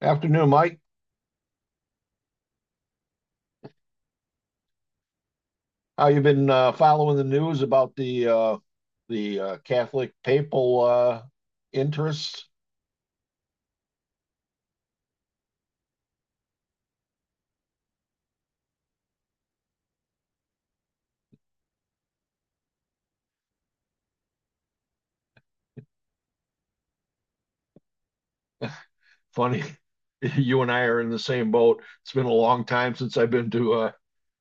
Afternoon, Mike. How you been following the news about the Catholic papal interests? Funny, you and I are in the same boat. It's been a long time since I've been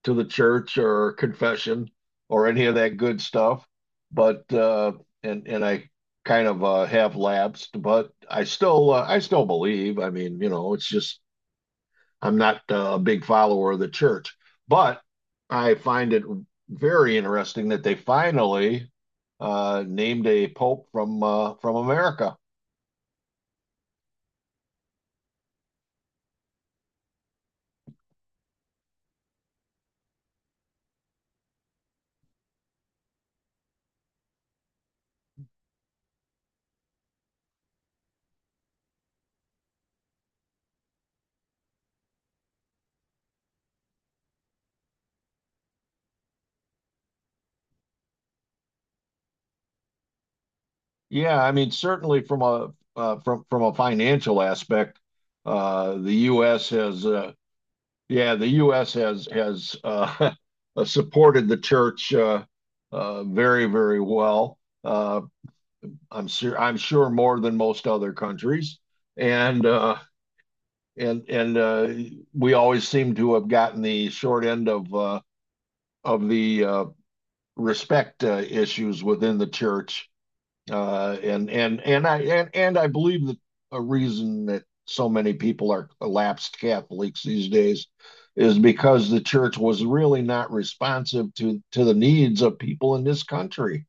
to the church or confession or any of that good stuff. But and I kind of have lapsed, but I still believe. I mean, you know, it's just I'm not a big follower of the church, but I find it very interesting that they finally named a pope from America. Yeah, I mean, certainly from a from from a financial aspect, the U.S. has yeah, the U.S. has supported the church very very well. I'm sure more than most other countries, and uh, and we always seem to have gotten the short end of the respect issues within the church. And I believe that a reason that so many people are lapsed Catholics these days is because the church was really not responsive to the needs of people in this country.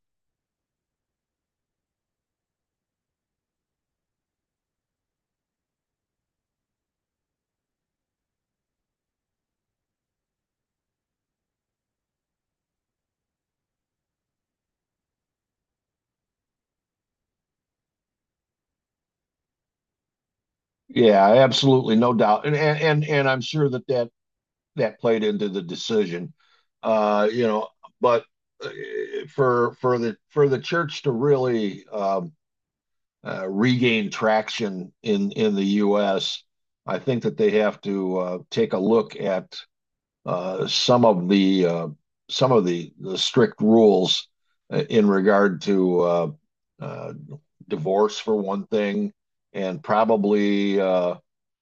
Yeah, absolutely, no doubt. And I'm sure that that played into the decision. You know, but uh, for the church to really regain traction in the U.S., I think that they have to take a look at uh, some of the uh, some of the strict rules in regard to uh, divorce, for one thing, and probably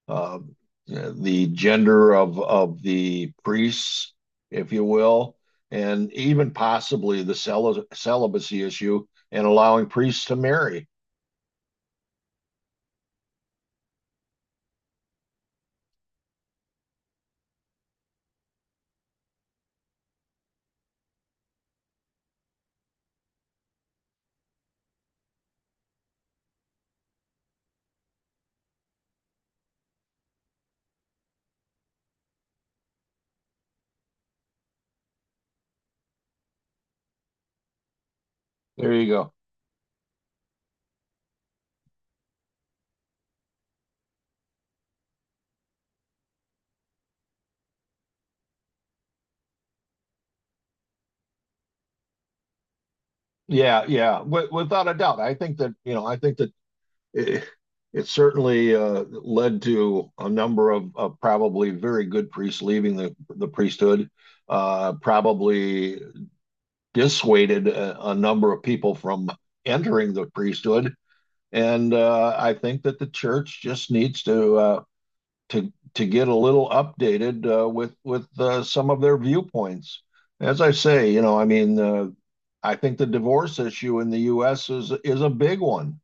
uh, the gender of the priests, if you will, and even possibly the celibacy issue and allowing priests to marry. There you go. Yeah, without a doubt. I think that you know, I think that it, it certainly led to a number of probably very good priests leaving the priesthood. Probably dissuaded a number of people from entering the priesthood. And I think that the church just needs to get a little updated with some of their viewpoints. As I say, you know, I mean, I think the divorce issue in the U.S. Is a big one.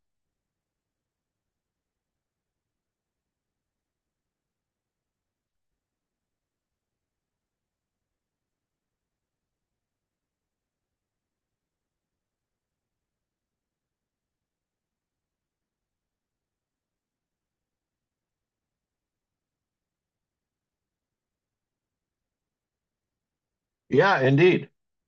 Yeah, indeed.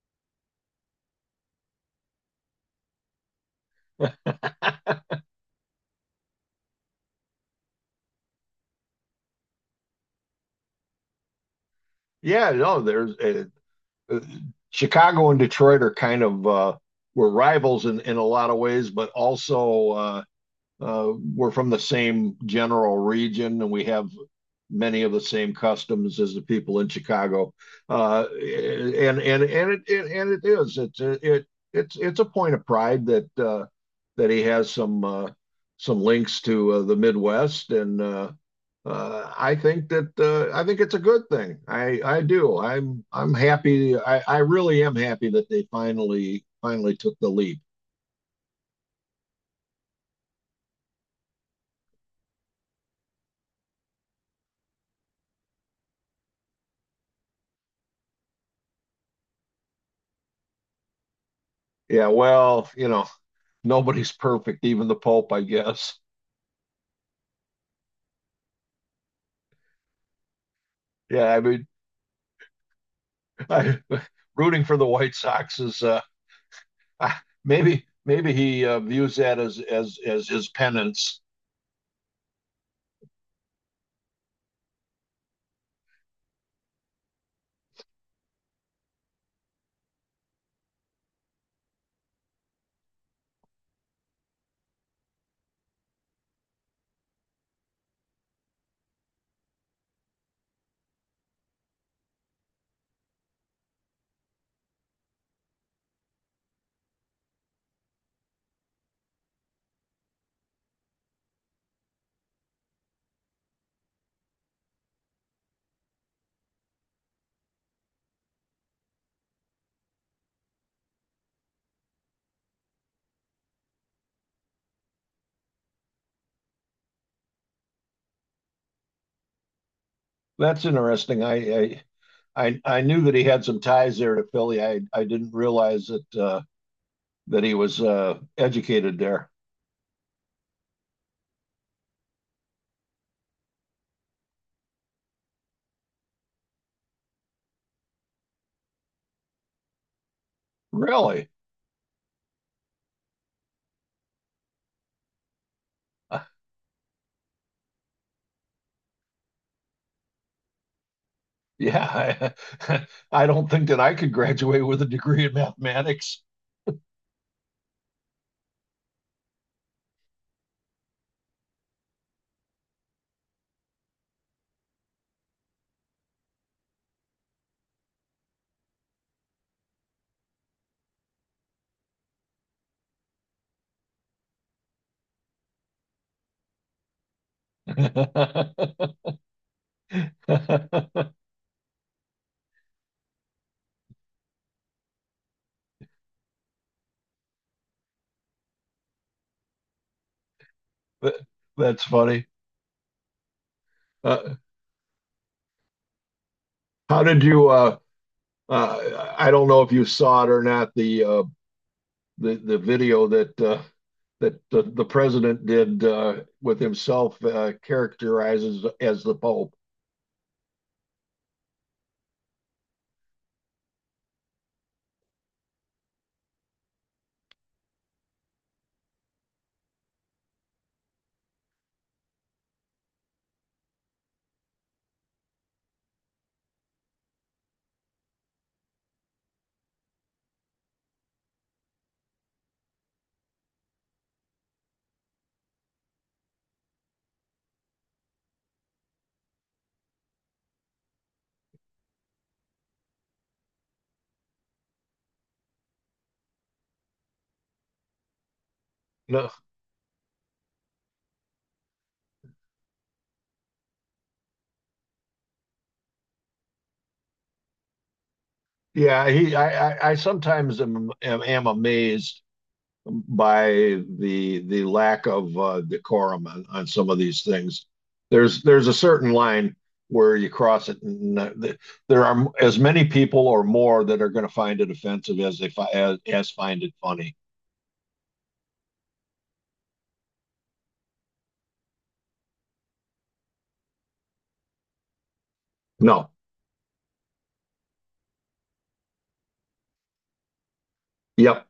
Yeah, no, there's uh, Chicago and Detroit are kind of were rivals in a lot of ways, but also uh, we're from the same general region and we have many of the same customs as the people in Chicago. And it, it and it is it's it it's a point of pride that that he has some links to the Midwest. And I think that I think it's a good thing. I do. I'm happy. I really am happy that they finally took the leap. Yeah, well, you know, nobody's perfect, even the Pope, I guess. Yeah, I mean, I, rooting for the White Sox is maybe he views that as his penance. That's interesting. I knew that he had some ties there to Philly. I didn't realize that that he was educated there. Really? Uh, Yeah, I, I don't think that I could graduate with a degree in mathematics. Th- That's funny. Uh, how did you? I don't know if you saw it or not. The the video that that the president did with himself characterizes as the Pope. No, yeah, he. I sometimes am, am amazed by the lack of decorum on some of these things. There's a certain line where you cross it, and there are as many people or more that are going to find it offensive as they as find it funny. No, yep,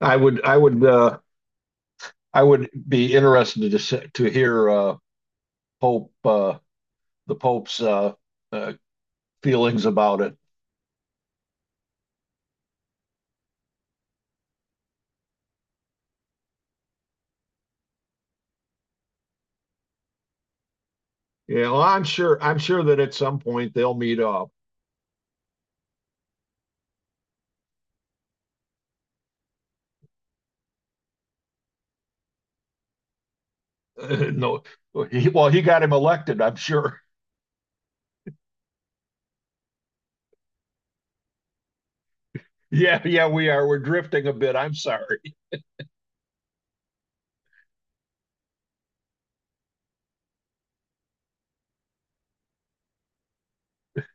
I would I would uh, I would be interested to hear Pope the Pope's uh, feelings about it. Yeah, well, I'm sure that at some point they'll meet up. No, well, he got him elected, I'm sure. Yeah, yeah, we are. We're drifting a bit. I'm sorry.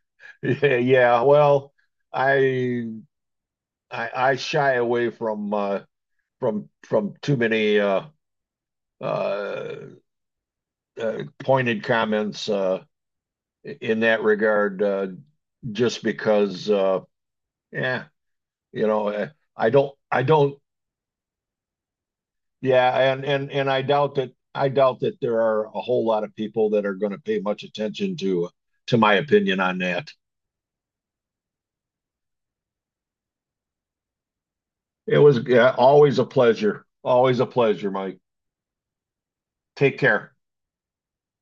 Yeah, yeah. Well, I I shy away from from too many uh, pointed comments in that regard, just because, yeah, you know, I don't, yeah, and I doubt that there are a whole lot of people that are going to pay much attention to my opinion on that. It was yeah, always a pleasure. Always a pleasure, Mike. Take care.